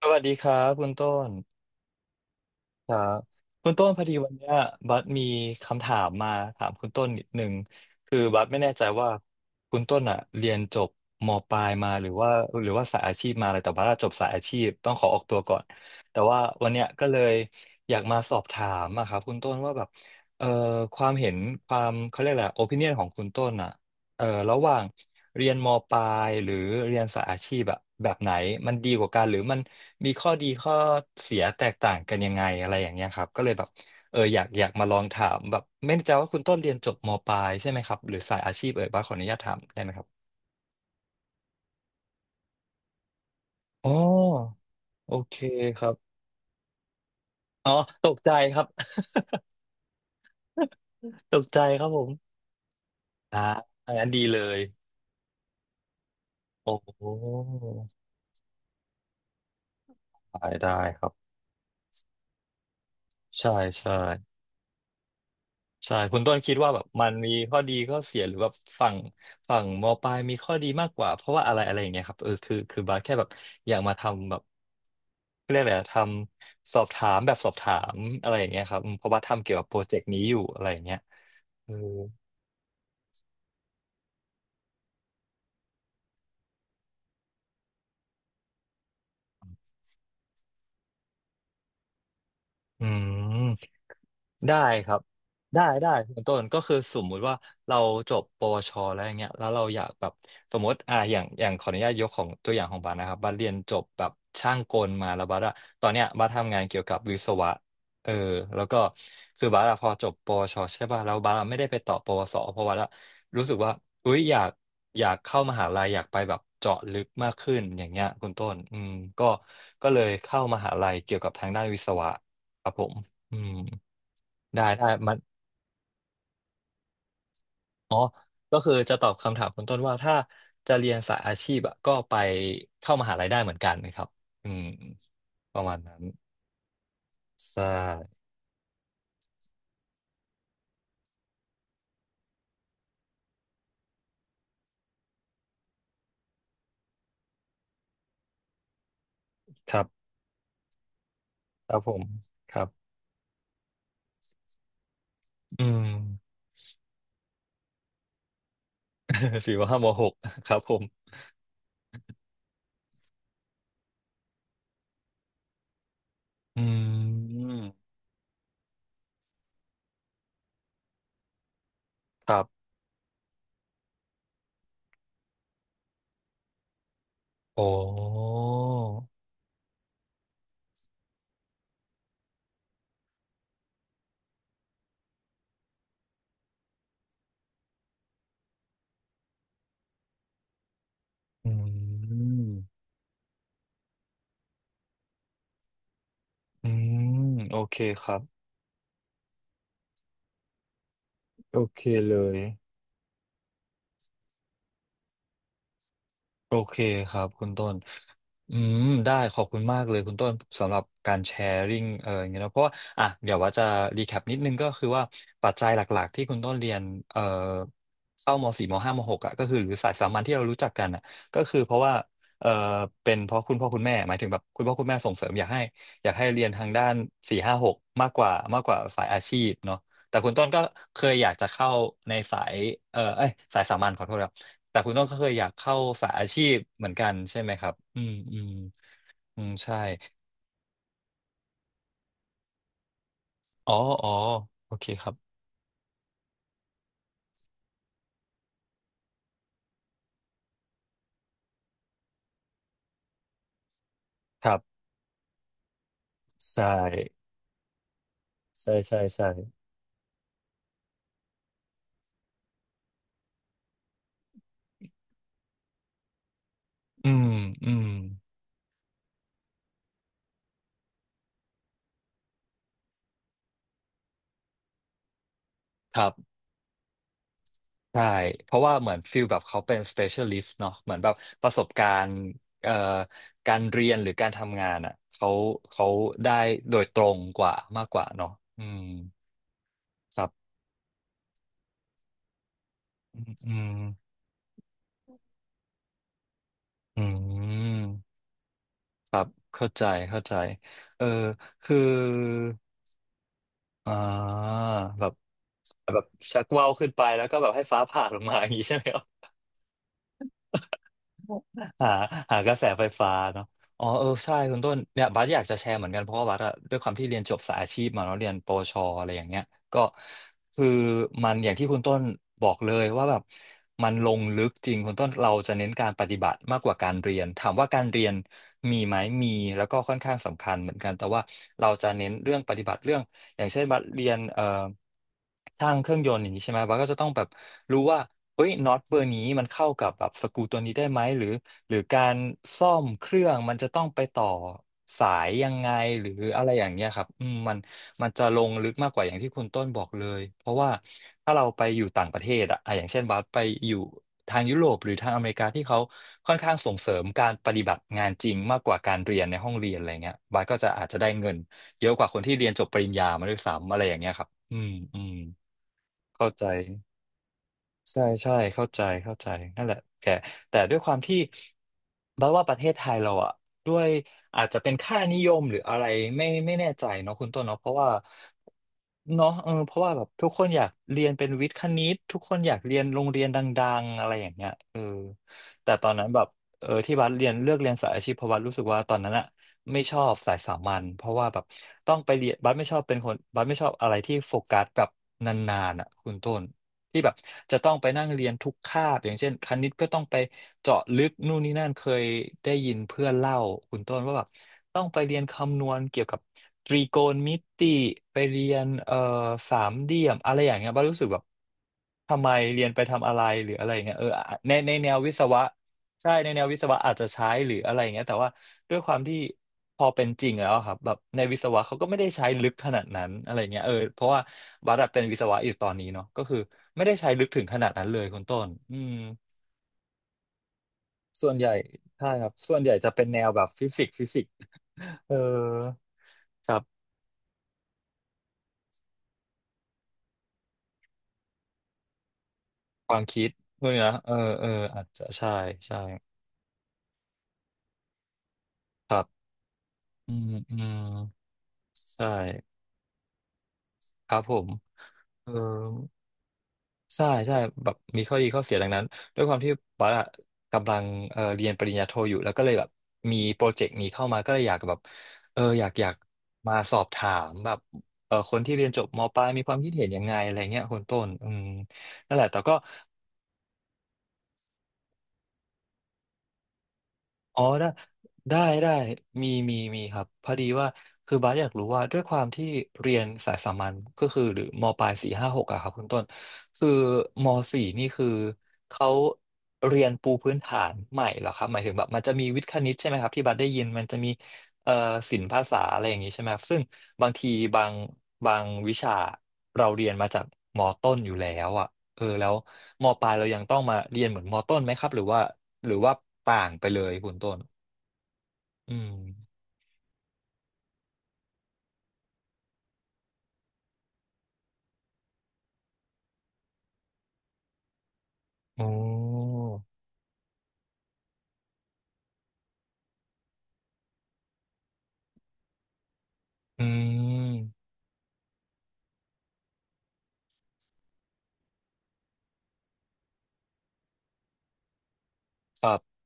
สวัสดีครับคุณต้นครับคุณต้นพอดีวันเนี้ยบัสมีคำถามมาถามคุณต้นนิดนึงคือบัสไม่แน่ใจว่าคุณต้นอ่ะเรียนจบมปลายมาหรือว่าหรือว่าสายอาชีพมาอะไรแต่บัสอะจบสายอาชีพต้องขอออกตัวก่อนแต่ว่าวันเนี้ยก็เลยอยากมาสอบถามอะครับคุณต้นว่าแบบเอ่อความเห็นความเขาเรียกอะไรโอปิเนียนของคุณต้นอ่ะ เออระหว่างเรียนมปลายหรือเรียนสายอาชีพอะแบบไหนมันดีกว่ากันหรือมันมีข้อดีข้อเสียแตกต่างกันยังไงอะไรอย่างเงี้ยครับก็เลยแบบเอออยากมาลองถามแบบไม่แน่ใจว่าคุณต้นเรียนจบมปลายใช่ไหมครับหรือสายอาชีพเอ่ยบ้างขออนุญาตถามได้ไหมครับอ๋อโอเคครับอ๋อตกใจครับ ตกใจครับผมอันนั้นดีเลยโอ้ได้ได้ครับใช่ใช่ ใช่คุณต้นคิดว่าแบบมันมีข้อดีข้อเสียหรือแบบฝั่งฝั่งมปลายมีข้อดีมากกว่าเพราะว่าอะไรอะไรอย่างเงี้ยครับเออคือบาสแค่แบบอยากมาทำแบบเรียกอะไรอะทำสอบถามแบบสอบถามอะไรอย่างเงี้ยครับอืมเพราะว่าทำเกี่ยวกับโปรเจกต์นี้อยู่อะไรอย่างเงี้ยเอออืม ได้ครับได้คุณต้นก็คือสมมุติว่าเราจบปวชแล้วอย่างเงี้ยแล้วเราอยากแบบสมมติอย่างอย่างขออนุญาตยกของตัวอย่างของบาสนะครับบาสเรียนจบแบบช่างกลมาแล้วบาสอะตอนเนี้ยบาสทำงานเกี่ยวกับวิศวะเออแล้วก็คือบาสอะพอจบปวชใช่ป่ะแล้วบาสอะไม่ได้ไปต่อปวสเพราะบาสอะรู้สึกว่าอุ้ยอยากอยากเข้ามหาลัยอยากไปแบบเจาะลึกมากขึ้นอย่างเงี้ยคุณต้นอืมก็ก็เลยเข้ามหาลัยเกี่ยวกับทางด้านวิศวะครับผมอืม ได้มันอ๋อก็คือจะตอบคำถามคุณต้นว่าถ้าจะเรียนสายอาชีพอะก็ไปเข้ามหาลัยได้เหมือนกันนะครับอืมประมาณนั้นใช่ครับครับผมครับอืม สี่ว่าห้ามหกครับผมอืมครับโอ้อืมอืมโอเคครับโอเคเลย โอเคครับคุณต้นอืมได้ขอบคุณมากเลยคุณต้นสำหรับการแชร์ริ่งเอออย่างเงี้ยเนอะเพราะว่าอ่ะเดี๋ยวว่าจะรีแคปนิดนึงก็คือว่าปัจจัยหลักๆที่คุณต้นเรียนเอ่อเข้ามสี่มห้ามหกอ่ะก็คือหรือสายสามัญที่เรารู้จักกันอ่ะก็คือเพราะว่าเออเป็นเพราะคุณพ่อคุณแม่หมายถึงแบบคุณพ่อคุณแม่ส่งเสริมอยากให้เรียนทางด้านสี่ห้าหกมากกว่าสายอาชีพเนาะแต่คุณต้นก็เคยอยากจะเข้าในสายเออเอ้ยสายสามัญขอโทษครับ แต่คุณต้องเคยอยากเข้าสายอาชีพเหมือนกันใช่ไหมครับอืมอืมอืมใช่อ๋ออ๋อโอเคครับครับใช่ใช่ใช่ใช่อืมอืมครับใช่เพราะว่าเหมือนฟิลแบบเขาเป็น specialist เนาะเหมือนแบบประสบการณ์เอ่อการเรียนหรือการทำงานอ่ะเขาเขาได้โดยตรงกว่ามากกว่าเนาะอืมครับอืมอืมอืมครับเข้าใจเข้าใจเออคือ อ่าแบบแบบชักว่าวขึ้นไปแล้วก็แบบให้ฟ้าผ่าลงมา อย่างนี้ใช่ไหม หาหากระแสไฟฟ้าเนาะอ๋อเออใช่คุณต้นเนี่ยบัสอยากจะแชร์เหมือนกันเพราะว่าบัสอะด้วยความที่เรียนจบสายอาชีพมาเนาะเรียนปวชอะไรอย่างเงี้ยก็คือมันอย่างที่คุณต้นบอกเลยว่าแบบมันลงลึกจริงคุณต้นเราจะเน้นการปฏิบัติมากกว่าการเรียนถามว่าการเรียนมีไหมมีแล้วก็ค่อนข้างสำคัญเหมือนกันแต่ว่าเราจะเน้นเรื่องปฏิบัติเรื่องอย่างเช่นบัสเรียนช่างเครื่องยนต์อย่างนี้ใช่ไหมบัสก็จะต้องแบบรู้ว่าเอ้ยน็อตเบอร์นี้มันเข้ากับแบบสกรูตัวนี้ได้ไหมหรือ หรือการซ่อมเครื่องมันจะต้องไปต่อสายยังไงหรืออะไรอย่างเงี้ยครับอืมมันจะลงลึกมากกว่าอย่างที่คุณต้นบอกเลยเพราะว่าถ้าเราไปอยู่ต่างประเทศอ่ะอย่างเช่นบัสไปอยู่ทางยุโรปหรือทางอเมริกาที่เขาค่อนข้างส่งเสริมการปฏิบัติงานจริงมากกว่าการเรียนในห้องเรียนอะไรเงี้ยบัสก็จะอาจจะได้เงินเยอะกว่าคนที่เรียนจบปริญญามาด้วยซ้ำอะไรอย่างเงี้ยครับอืมอืมเข้าใจ ใช่ใช่เข้าใจเข้าใจนั่นแหละแต่ด้วยความที่บัดว่าประเทศไทยเราอะด้วยอาจจะเป็นค่านิยมหรืออะไรไม่แน่ใจเนาะคุณต้นเนาะเพราะว่าเนาะเออเพราะว่าแบบทุกคนอยากเรียนเป็นวิทย์คณิตทุกคนอยากเรียนโรงเรียนดังๆอะไรอย่างเงี้ยเออแต่ตอนนั้นแบบเออที่บัดเรียนเลือกเรียนสายอาชีพเพราะบัดรู้สึกว่าตอนนั้นอะไม่ชอบสายสามัญเพราะว่าแบบต้องไปเรียนบัดไม่ชอบเป็นคนบัดไม่ชอบอะไรที่โฟกัสแบบนานๆอะคุณต้น ที่แบบจะต้องไปนั่งเรียนทุกคาบอย่างเช่นคณิตก็ต้องไปเจาะลึกนู่นนี่นั่นเคยได้ยินเพื่อนเล่าคุณต้นว่าแบบต้องไปเรียนคำนวณเกี่ยวกับตรีโกณมิติไปเรียนสามเหลี่ยมอะไรอย่างเงี้ยบ้างรู้สึกแบบทำไมเรียนไปทำอะไรหรืออะไรอย่างเงี้ยเออในแนววิศวะ ใช่ในแนววิศวะอาจจะใช้หรืออะไรอย่างเงี้ยแต่ว่าด้วยความที่พอเป็นจริงแล้วอะครับแบบในวิศวะเขาก็ไม่ได้ใช้ลึกขนาดนั้นอะไรเงี้ยเออเพราะว่าบัตรเป็นวิศวะอยู่ตอนนี้เนาะก็คือไม่ได้ใช้ลึกถึงขนาดนั้นเลยคุณต้นอืมส่วนใหญ่ใช่ครับส่วนใหญ่จะเป็นแนวแบบฟิสิกส์เออครับความคิดพวกนี้นะเออเอออาจจะใช่ใช่ครับอืมอืมใช่ครับผมเออ ใช่ใช่แบบมีข้อดีข้อเสียดังนั้นด้วยความที่ปัสอะกำลังเรียนปริญญาโทอยู่แล้วก็เลยแบบมีโปรเจกต์นี้เข้ามาก็เลยอยากแบบเอออยากมาสอบถามแบบเออคนที่เรียนจบมปลายมีความคิดเห็นยังไงอะไรเงี้ยคนต้นอืมนั่นแหละแต่ก็ อ๋อได้ได้ได้มีมีมีครับพอดีว่าคือบาสอยากรู้ว่าด้วยความที่เรียนสายสามัญก็คือหรือมปลายสี่ห้าหกอะครับคุณต้นคือมสี่นี่คือเขาเรียนปูพื้นฐานใหม่เหรอครับหมายถึงแบบมันจะมีวิทย์คณิตใช่ไหมครับที่บัสได้ยินมันจะมีเอ่อศิลปภาษาอะไรอย่างนี้ใช่ไหมครับซึ่งบางทีบางบางวิชาเราเรียนมาจากมต้นอยู่แล้วอะ เออแล้วมปลายเรายังต้องมาเรียนเหมือนมต้นไหมครับหรือว่าต่างไปเลยคุณต้นอืมโอ้อืมครับ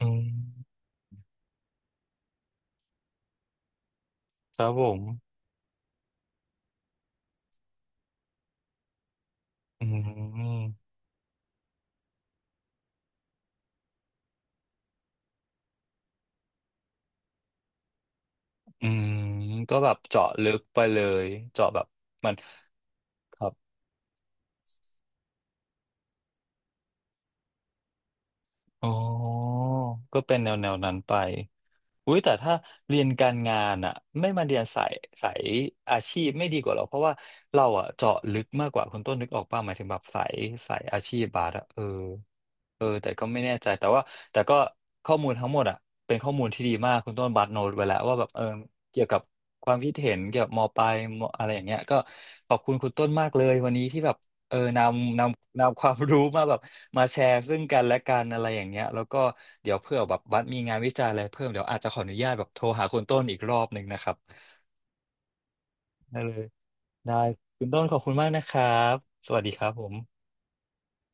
อืมครับผมอืมอืมก็แบบเจาะลึกไปเลยเจาะแบบมันครับ อ๋อก็เป็นแนวแนวนั้นไปอุ้ยแต่ถ้าเรียนการงานอะไม่มาเรียนสายอาชีพไม่ดีกว่าหรอเพราะว่าเราอะเจาะลึกมากกว่าคุณต้นนึกออกป่ะหมายถึงแบบสายอาชีพบาสอะเออ เออแต่ก็ไม่แน่ใจแต่ว่าแต่ก็ข้อมูลทั้งหมดอ่ะเป็นข้อมูลที่ดีมากคุณต้นบัตโนดไว้แล้วว่าแบบเออเกี่ยวกับความคิดเห็นเกี่ยวกับมปลายมอะไรอย่างเงี้ยก็ขอบคุณคุณต้นมากเลยวันนี้ที่แบบเออนำความรู้มาแบบมาแชร์ซึ่งกันและกันอะไรอย่างเงี้ยแล้วก็เดี๋ยวเพื่อแบบบัตมีงานวิจัยอะไรเพิ่มเดี๋ยวอาจจะขออนุญาตแบบโทรหาคุณต้นอีกรอบหนึ่งนะครับได้เลยได้คุณต้นขอบคุณมากนะครับสวัสดีครับผม